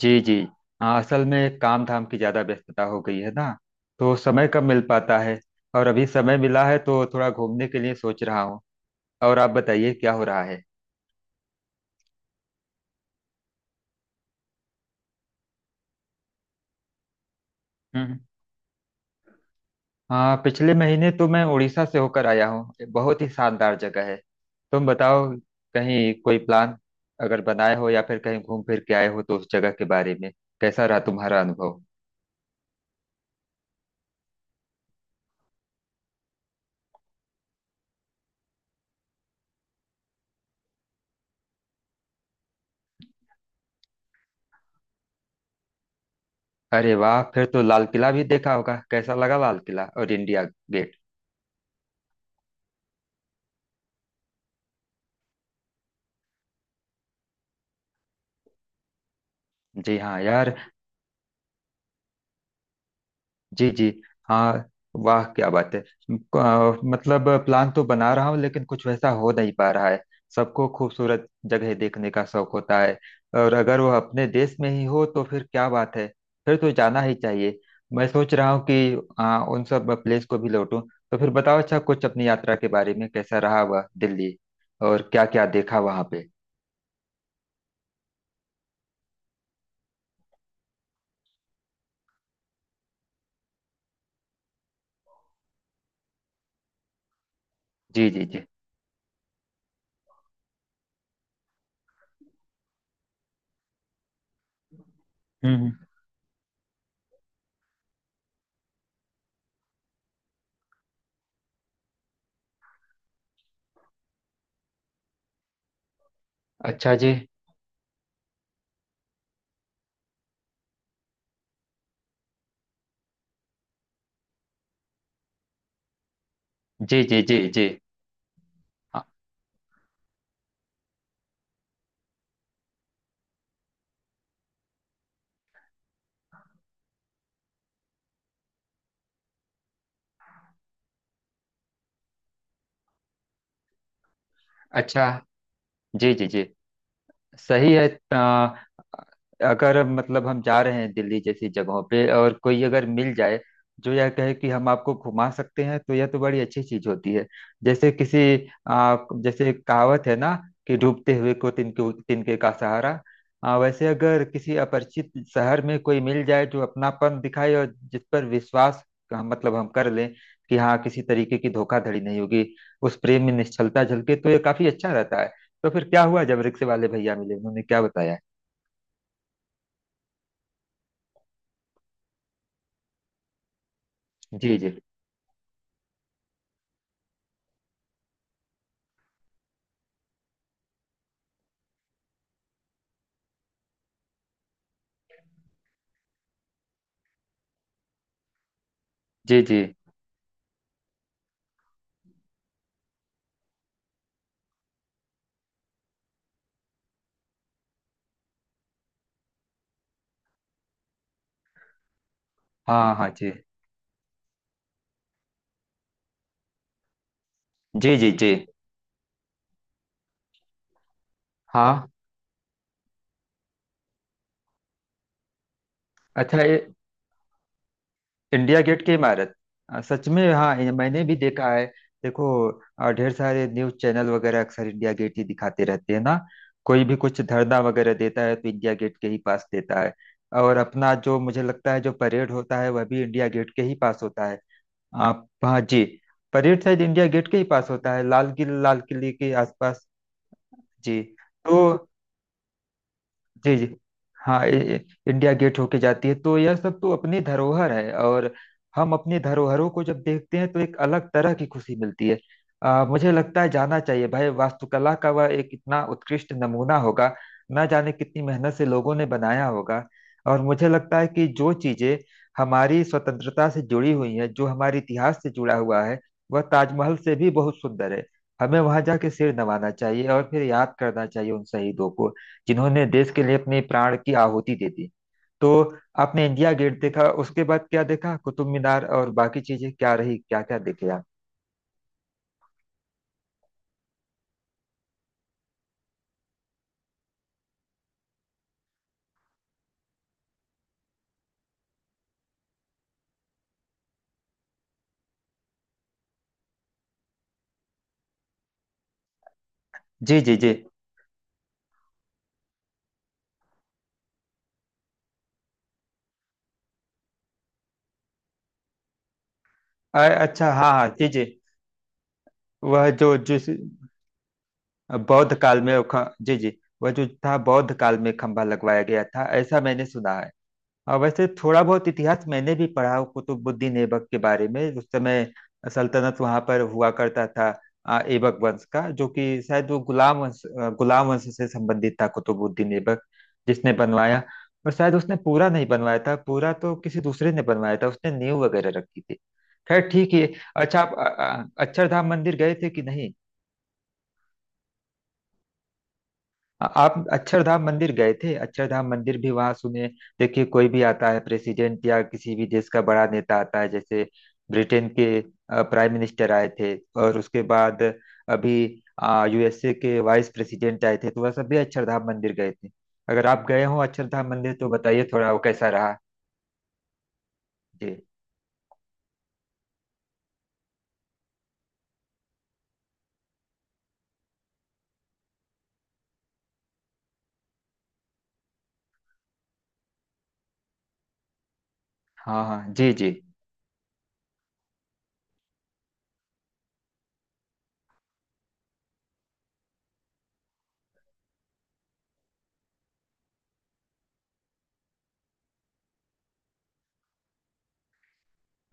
जी जी। हाँ, असल में काम धाम की ज्यादा व्यस्तता हो गई है ना, तो समय कम मिल पाता है। और अभी समय मिला है तो थोड़ा घूमने के लिए सोच रहा हूँ। और आप बताइए क्या हो रहा है। हम्म। हाँ, पिछले महीने तो मैं उड़ीसा से होकर आया हूँ, बहुत ही शानदार जगह है। तुम बताओ, कहीं कोई प्लान अगर बनाए हो या फिर कहीं घूम फिर के आए हो तो उस जगह के बारे में कैसा रहा तुम्हारा अनुभव। अरे वाह, फिर तो लाल किला भी देखा होगा, कैसा लगा लाल किला और इंडिया गेट। जी हाँ यार। जी जी। हाँ। वाह क्या बात है। मतलब प्लान तो बना रहा हूँ लेकिन कुछ वैसा हो नहीं पा रहा है। सबको खूबसूरत जगह देखने का शौक होता है, और अगर वह अपने देश में ही हो तो फिर क्या बात है, फिर तो जाना ही चाहिए। मैं सोच रहा हूँ कि उन सब प्लेस को भी लौटूं। तो फिर बताओ, अच्छा, कुछ अपनी यात्रा के बारे में कैसा रहा वह दिल्ली, और क्या क्या देखा वहाँ पे। जी जी जी। हम्म। अच्छा जी। जी जी जी। जी हाँ। अच्छा जी। जी जी। सही है। अ, अगर मतलब हम जा रहे हैं दिल्ली जैसी जगहों पे और कोई अगर मिल जाए जो यह कहे कि हम आपको घुमा सकते हैं, तो यह तो बड़ी अच्छी चीज होती है। जैसे किसी आ, जैसे एक कहावत है ना कि डूबते हुए को तिनके तिनके का सहारा। वैसे अगर किसी अपरिचित शहर में कोई मिल जाए जो अपनापन दिखाए और जिस पर विश्वास का मतलब हम कर लें कि हाँ किसी तरीके की धोखाधड़ी नहीं होगी, उस प्रेम में निश्चलता झलके, तो यह काफी अच्छा रहता है। तो फिर क्या हुआ जब रिक्शे वाले भैया मिले, उन्होंने क्या बताया। जी जी। जी जी। हाँ हाँ जी जी। जी जी। हाँ। अच्छा, ये इंडिया गेट की इमारत। सच में, हाँ ये मैंने भी देखा है। देखो, ढेर सारे न्यूज चैनल वगैरह अक्सर इंडिया गेट ही दिखाते रहते हैं ना। कोई भी कुछ धरना वगैरह देता है तो इंडिया गेट के ही पास देता है। और अपना, जो मुझे लगता है, जो परेड होता है वह भी इंडिया गेट के ही पास होता है। आप। हाँ जी। परेड शायद इंडिया गेट के ही पास होता है, लाल किले के आसपास। जी। तो जी जी, हाँ, इंडिया गेट होके जाती है, तो यह सब तो अपनी धरोहर है और हम अपनी धरोहरों को जब देखते हैं तो एक अलग तरह की खुशी मिलती है। मुझे लगता है जाना चाहिए भाई, वास्तुकला का वह एक इतना उत्कृष्ट नमूना होगा, ना जाने कितनी मेहनत से लोगों ने बनाया होगा। और मुझे लगता है कि जो चीजें हमारी स्वतंत्रता से जुड़ी हुई हैं, जो हमारे इतिहास से जुड़ा हुआ है, वह ताजमहल से भी बहुत सुंदर है। हमें वहां जाके सिर नवाना चाहिए और फिर याद करना चाहिए उन शहीदों को, जिन्होंने देश के लिए अपने प्राण की आहुति दे दी। तो आपने इंडिया गेट देखा, उसके बाद क्या देखा, कुतुब मीनार और बाकी चीजें क्या रही, क्या क्या देखे आप। जी जी जी। अच्छा, हाँ हाँ जी जी। वह जो जिस बौद्ध काल में वो जी जी। वह जो था बौद्ध काल में खंभा लगवाया गया था ऐसा मैंने सुना है। और वैसे थोड़ा बहुत इतिहास मैंने भी पढ़ा हूँ कुतुबुद्दीन ऐबक के बारे में। उस समय सल्तनत वहां पर हुआ करता था। ऐबक वंश का, जो कि शायद वो गुलाम वंश, गुलाम वंश से संबंधित था कुतुबुद्दीन ऐबक, जिसने बनवाया। और शायद उसने पूरा नहीं बनवाया था, पूरा तो किसी दूसरे ने बनवाया था, उसने नींव वगैरह रखी थी। खैर ठीक है। अच्छा, आप अक्षरधाम मंदिर गए थे कि नहीं। आप अक्षरधाम मंदिर गए थे, अक्षरधाम मंदिर भी वहां सुने। देखिए, कोई भी आता है प्रेसिडेंट या किसी भी देश का बड़ा नेता आता है, जैसे ब्रिटेन के प्राइम मिनिस्टर आए थे। और उसके बाद अभी यूएसए के वाइस प्रेसिडेंट आए थे, तो वह सब भी अक्षरधाम मंदिर गए थे। अगर आप गए हो अक्षरधाम मंदिर तो बताइए थोड़ा वो कैसा रहा। जी हाँ। हाँ जी जी।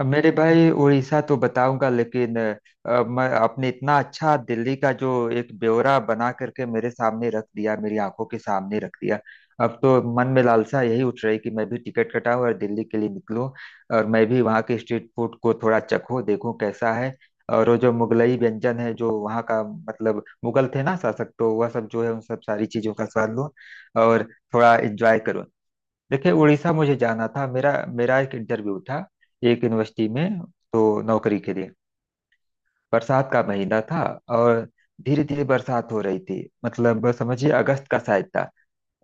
अब मेरे भाई, उड़ीसा तो बताऊंगा, लेकिन मैं, आपने इतना अच्छा दिल्ली का जो एक ब्यौरा बना करके मेरे सामने रख दिया, मेरी आंखों के सामने रख दिया, अब तो मन में लालसा यही उठ रही कि मैं भी टिकट कटाऊं और दिल्ली के लिए निकलूं। और मैं भी वहाँ के स्ट्रीट फूड को थोड़ा चखूं देखूं कैसा है, और वो जो मुगलई व्यंजन है जो वहाँ का, मतलब मुगल थे ना शासक, तो वह सब जो है उन सब सारी चीजों का स्वाद लूं, और थोड़ा एंजॉय करूं। देखिए, उड़ीसा मुझे जाना था। मेरा मेरा एक इंटरव्यू था एक यूनिवर्सिटी में, तो नौकरी के लिए। बरसात का महीना था, और धीरे धीरे बरसात हो रही थी। मतलब समझिए अगस्त का शायद था।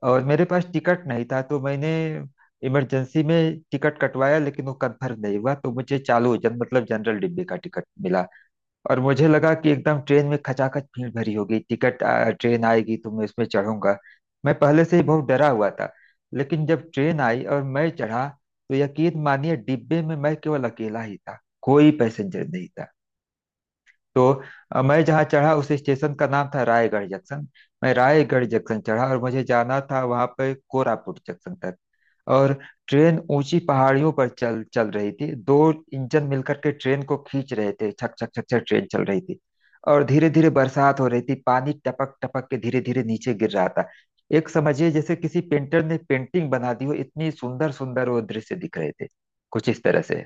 और मेरे पास टिकट नहीं था तो मैंने इमरजेंसी में टिकट कटवाया, लेकिन वो कंफर्म नहीं हुआ, तो मुझे चालू जन मतलब जनरल डिब्बे का टिकट मिला। और मुझे लगा कि एकदम ट्रेन में खचाखच भीड़ भरी होगी, ट्रेन आएगी तो मैं इसमें चढ़ूंगा। मैं पहले से ही बहुत डरा हुआ था, लेकिन जब ट्रेन आई और मैं चढ़ा तो यकीन मानिए डिब्बे में मैं केवल अकेला ही था, कोई पैसेंजर नहीं था। तो मैं जहाँ चढ़ा उस स्टेशन का नाम था रायगढ़ जंक्शन। मैं रायगढ़ जंक्शन चढ़ा और मुझे जाना था वहाँ पे कोरापुट जंक्शन तक। और ट्रेन ऊंची पहाड़ियों पर चल चल रही थी, दो इंजन मिलकर के ट्रेन को खींच रहे थे, छक छक छक छक ट्रेन चल रही थी। और धीरे धीरे बरसात हो रही थी, पानी टपक टपक के धीरे धीरे नीचे गिर रहा था। एक समझिए जैसे किसी पेंटर ने पेंटिंग बना दी हो, इतनी सुंदर सुंदर वो दृश्य दिख रहे थे कुछ इस तरह से।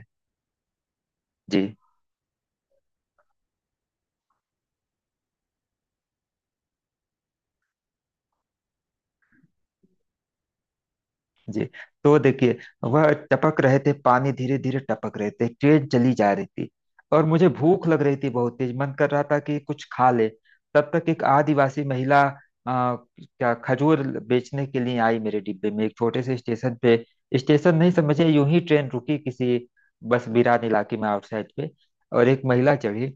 जी। जी। तो देखिए, वह टपक रहे थे, पानी धीरे धीरे टपक रहे थे, ट्रेन चली जा रही थी, और मुझे भूख लग रही थी, बहुत तेज मन कर रहा था कि कुछ खा ले। तब तक एक आदिवासी महिला आ, क्या खजूर बेचने के लिए आई मेरे डिब्बे में, एक छोटे से स्टेशन पे। स्टेशन नहीं समझे, यूं ही ट्रेन रुकी किसी बस बिरान इलाके में आउटसाइड पे। और एक महिला चढ़ी,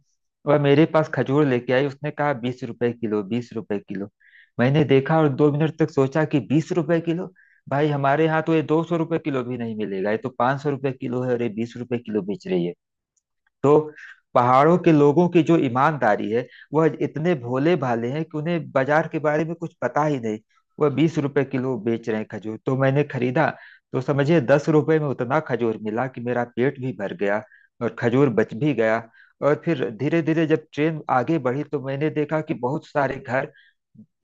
वह मेरे पास खजूर लेके आई। उसने कहा 20 रुपए किलो, 20 रुपए किलो। मैंने देखा और 2 मिनट तक सोचा कि 20 रुपए किलो, भाई हमारे यहाँ तो ये 200 रुपये किलो भी नहीं मिलेगा, ये तो 500 रुपये किलो है और ये 20 रुपये किलो बेच रही है। तो पहाड़ों के लोगों की जो ईमानदारी है, वह इतने भोले भाले हैं कि उन्हें बाजार के बारे में कुछ पता ही नहीं। वह 20 रुपए किलो बेच रहे हैं खजूर, तो मैंने खरीदा। तो समझिए 10 रुपए में उतना खजूर मिला कि मेरा पेट भी भर गया, और खजूर बच भी गया। और फिर धीरे धीरे जब ट्रेन आगे बढ़ी तो मैंने देखा कि बहुत सारे घर,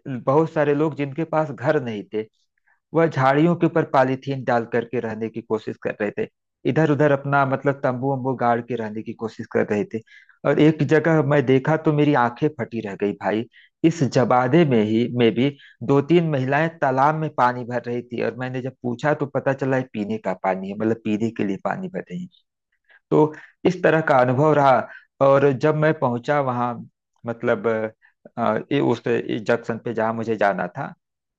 बहुत सारे लोग जिनके पास घर नहीं थे, वह झाड़ियों के ऊपर पॉलीथीन डाल करके रहने की कोशिश कर रहे थे, इधर उधर अपना मतलब तंबू वंबू गाड़ के रहने की कोशिश कर रहे थे। और एक जगह मैं देखा तो मेरी आंखें फटी रह गई भाई। इस जबादे में ही में भी दो तीन महिलाएं तालाब में पानी भर रही थी, और मैंने जब पूछा तो पता चला है पीने का पानी है, मतलब पीने के लिए पानी भर रही हैं। तो इस तरह का अनुभव रहा। और जब मैं पहुंचा वहां, मतलब ये उस इस जंक्शन पे जहाँ मुझे जाना था,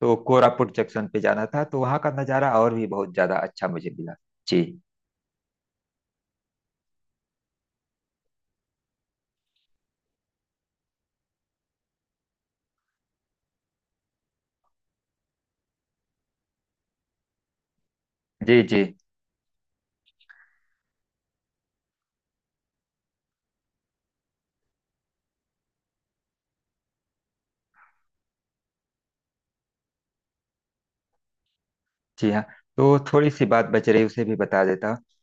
तो कोरापुट जंक्शन पे जाना था, तो वहाँ का नज़ारा और भी बहुत ज़्यादा अच्छा मुझे मिला। जी। जी जी जी। हाँ। तो थोड़ी सी बात बच रही उसे भी बता देता हूँ।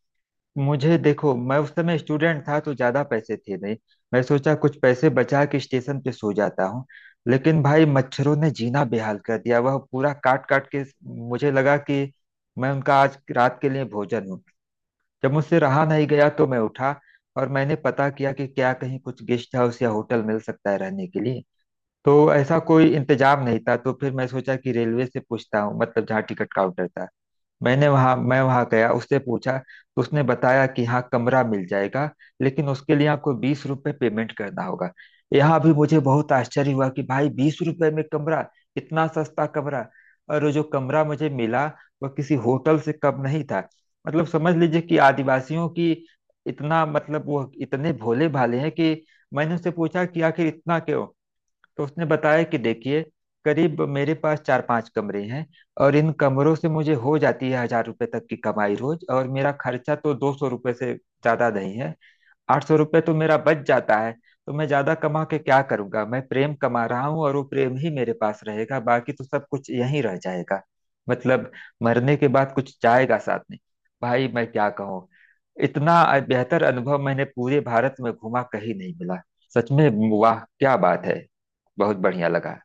मुझे देखो, मैं उस समय स्टूडेंट था तो ज्यादा पैसे थे नहीं, मैं सोचा कुछ पैसे बचा के स्टेशन पे सो जाता हूँ। लेकिन भाई मच्छरों ने जीना बेहाल कर दिया, वह पूरा काट काट के, मुझे लगा कि मैं उनका आज रात के लिए भोजन हूँ। जब मुझसे रहा नहीं गया तो मैं उठा, और मैंने पता किया कि क्या कहीं कुछ गेस्ट हाउस या होटल मिल सकता है रहने के लिए। तो ऐसा कोई इंतजाम नहीं था, तो फिर मैं सोचा कि रेलवे से पूछता हूँ, मतलब जहाँ टिकट काउंटर था, मैं वहां गया, उससे पूछा। तो उसने बताया कि हाँ कमरा मिल जाएगा, लेकिन उसके लिए आपको 20 रुपये पेमेंट करना होगा। यहाँ भी मुझे बहुत आश्चर्य हुआ कि भाई 20 रुपए में कमरा, इतना सस्ता कमरा। और वो जो कमरा मुझे मिला, वह किसी होटल से कम नहीं था। मतलब समझ लीजिए कि आदिवासियों की, इतना, मतलब वो इतने भोले भाले हैं कि, मैंने उससे पूछा कि आखिर इतना क्यों। तो उसने बताया कि देखिए, करीब मेरे पास चार पांच कमरे हैं, और इन कमरों से मुझे हो जाती है 1,000 रुपए तक की कमाई रोज, और मेरा खर्चा तो 200 रुपये से ज्यादा नहीं है, 800 रुपये तो मेरा बच जाता है। तो मैं ज्यादा कमा के क्या करूंगा, मैं प्रेम कमा रहा हूँ और वो प्रेम ही मेरे पास रहेगा, बाकी तो सब कुछ यहीं रह जाएगा। मतलब मरने के बाद कुछ जाएगा साथ में। भाई मैं क्या कहूँ, इतना बेहतर अनुभव मैंने पूरे भारत में घुमा कहीं नहीं मिला, सच में। वाह क्या बात है, बहुत बढ़िया लगा।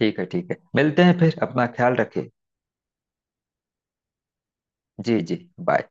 ठीक है ठीक है, मिलते हैं फिर, अपना ख्याल रखें। जी जी। बाय।